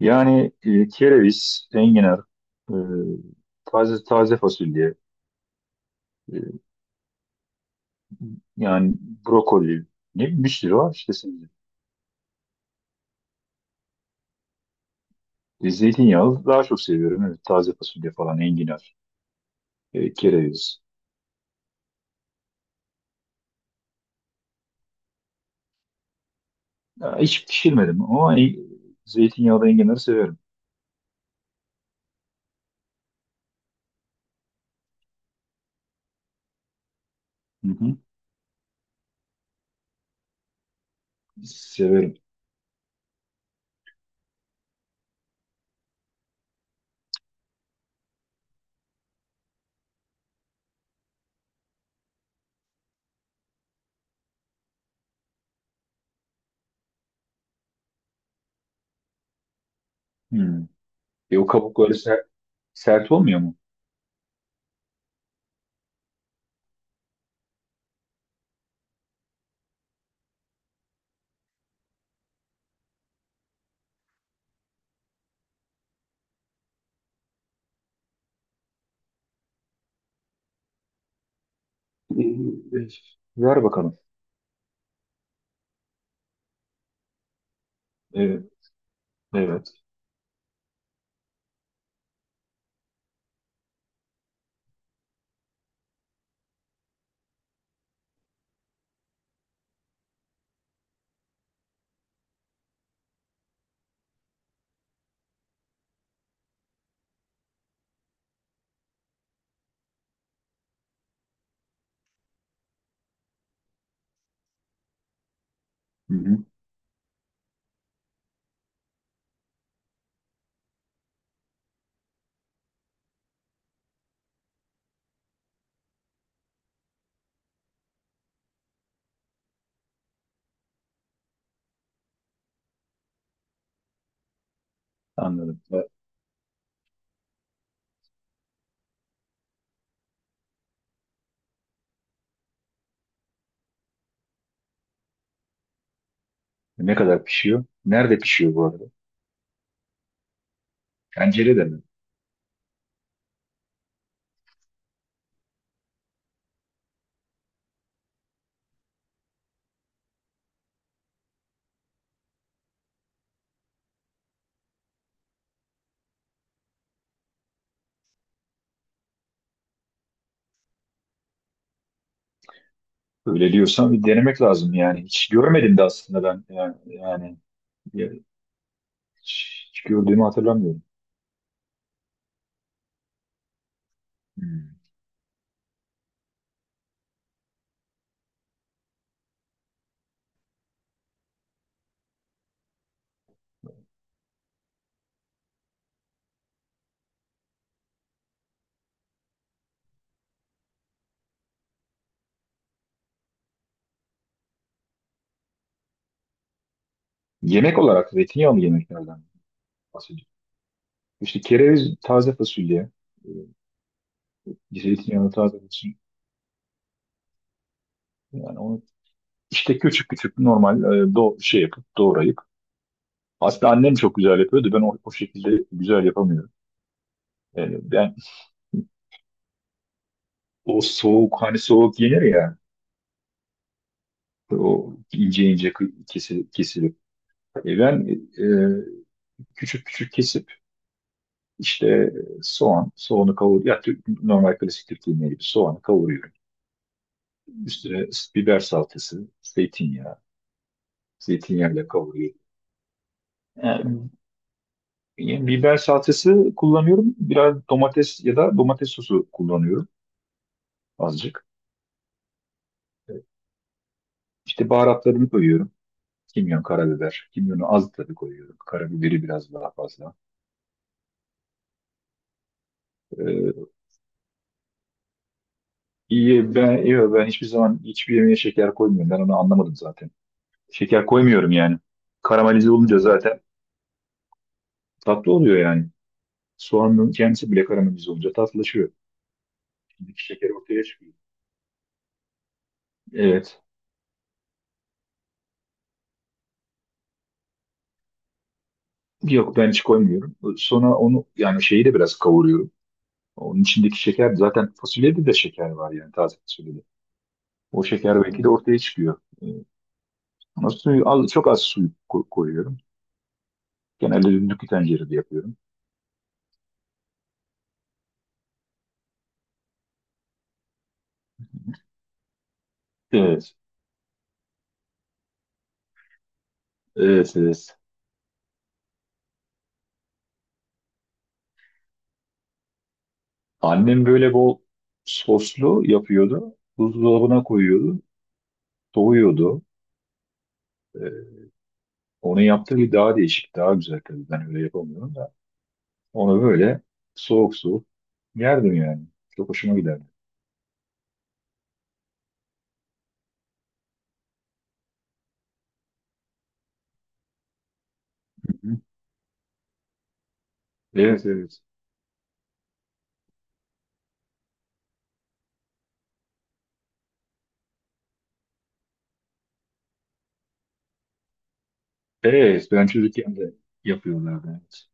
Yani kereviz, enginar, e, taze taze fasulye, e, yani brokoli, ne bileyim bir sürü var işte sebze. Zeytinyağlı daha çok seviyorum. Evet, taze fasulye falan, enginar, kereviz. Ya, hiç pişirmedim ama zeytinyağlı enginarı severim. Hı hı, severim. Hı. O kabukları sert olmuyor mu? E, e, Ver bakalım. E, evet. Hı hı, anladım. Ne kadar pişiyor? Nerede pişiyor bu arada? Tencerede mi? Öyle diyorsan bir denemek lazım yani. Hiç görmedim de aslında ben yani, ya- hiç gördüğümü hatırlamıyorum. Hmm. Yemek olarak zeytinyağlı yemeklerden bahsediyorum. İşte kereviz taze fasulye, zeytinyağlı taze fasulye. Yani onu işte küçük küçük normal e, do şey yapıp doğrayıp. Aslında annem çok güzel yapıyordu. Ben o şekilde güzel yapamıyorum. Yani ben o soğuk hani soğuk yenir ya o ince ince kesilip. Ben küçük küçük kesip İşte soğan, soğanı kavur, ya normal klasik Türk yemeği gibi soğanı kavuruyorum. Üstüne biber salçası, zeytinyağı, zeytinyağıyla kavuruyorum. Yani, yani biber salçası kullanıyorum. Biraz domates ya da domates sosu kullanıyorum azıcık. İşte baharatlarını koyuyorum. Kimyon, karabiber. Kimyonu az tabii koyuyorum. Karabiberi biraz daha fazla. Ee, iyi ben iyi ben hiçbir zaman hiçbir yemeğe şeker koymuyorum. Ben onu anlamadım zaten. Şeker koymuyorum yani. Karamelize olunca zaten tatlı oluyor yani. Soğanın kendisi bile karamelize olunca tatlılaşıyor. İçindeki şeker ortaya çıkıyor. Evet. Yok ben hiç koymuyorum. Sonra onu yani şeyi de biraz kavuruyorum. Onun içindeki şeker zaten fasulyede de şeker var yani taze fasulyede. O şeker belki de ortaya çıkıyor. Ama suyu az, çok az suyu koyuyorum. Genelde düdüklü tencerede yapıyorum. Evet. Evet, evet. Annem böyle bol soslu yapıyordu. Buzdolabına koyuyordu. Soğuyordu. Ee, Onun yaptığı bir daha değişik, daha güzel tabii. Ben öyle yapamıyorum da. Onu böyle soğuk soğuk yerdim yani. Çok hoşuma giderdi. Hı hı. Evet, evet. Evet, ben çocukken de yapıyorlardı. Evet.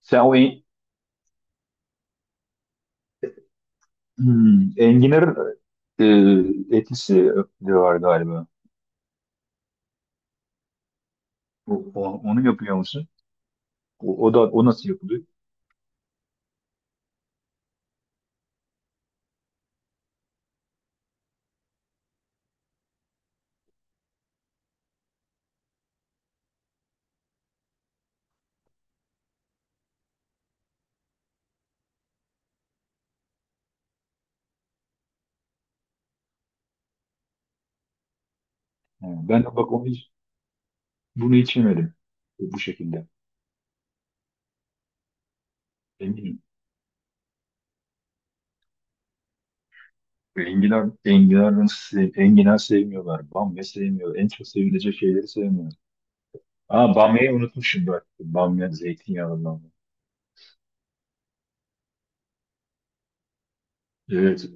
Sen enginar e, etlisi de var galiba. Onu yapıyor musun? O da o nasıl yapılıyor? Ha, ben de bak bunu hiç yemedim. Bu şekilde. Eminim. Enginar, enginar, enginar sevmiyorlar. Bamya sevmiyor. En çok sevilecek şeyleri sevmiyor. Aa, bamya'yı unutmuşum bak. Bamya zeytinyağından. Evet.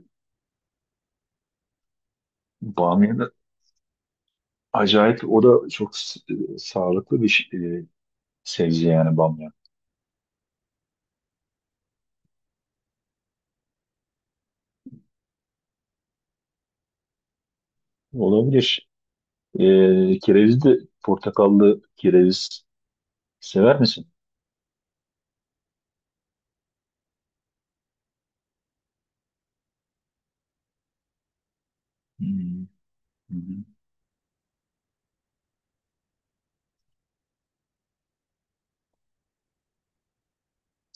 Bamya da acayip. O da çok sağlıklı bir sebze yani bamya. Olabilir. Kereviz de portakallı kereviz sever misin? Hmm, hı hı.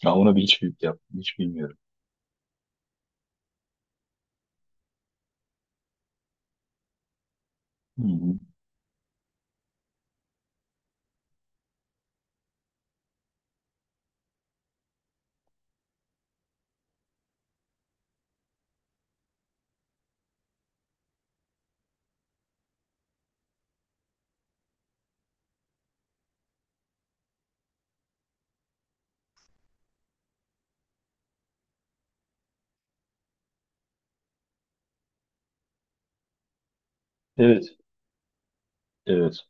Ya ona bir hiç, bil- yap, hiç bilmiyorum. Hı hı. Evet. Evet.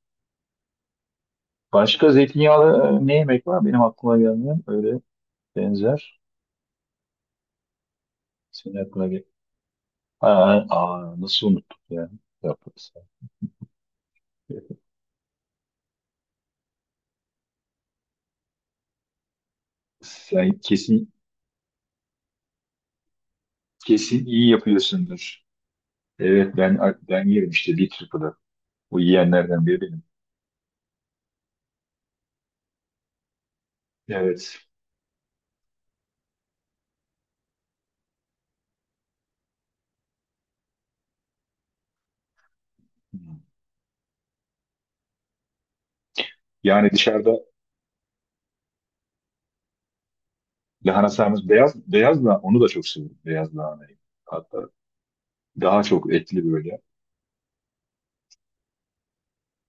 Başka zeytinyağlı ne yemek var? Benim aklıma gelmeyen öyle benzer. Senin aklına gel. Aa, nasıl unuttuk ya? Yaprak Sen kesin iyi yapıyorsundur. Evet, ben yerim işte bir triple'ı. Bu yiyenlerden biri benim. Evet. Hmm. Yani dışarıda lahana sarması beyaz beyaz da onu da çok seviyorum. Beyaz lahanayı. Hatta daha çok etli böyle.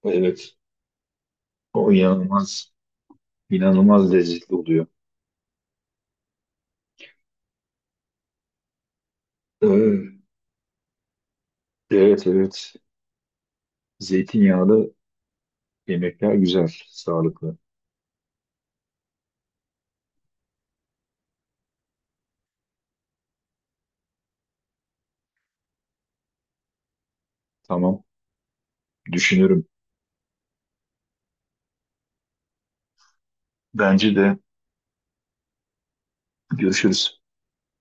Evet. O inanılmaz inanılmaz lezzetli oluyor. Evet, evet. Evet. Zeytinyağlı yemekler güzel, sağlıklı. Tamam, düşünürüm. Bence de görüşürüz.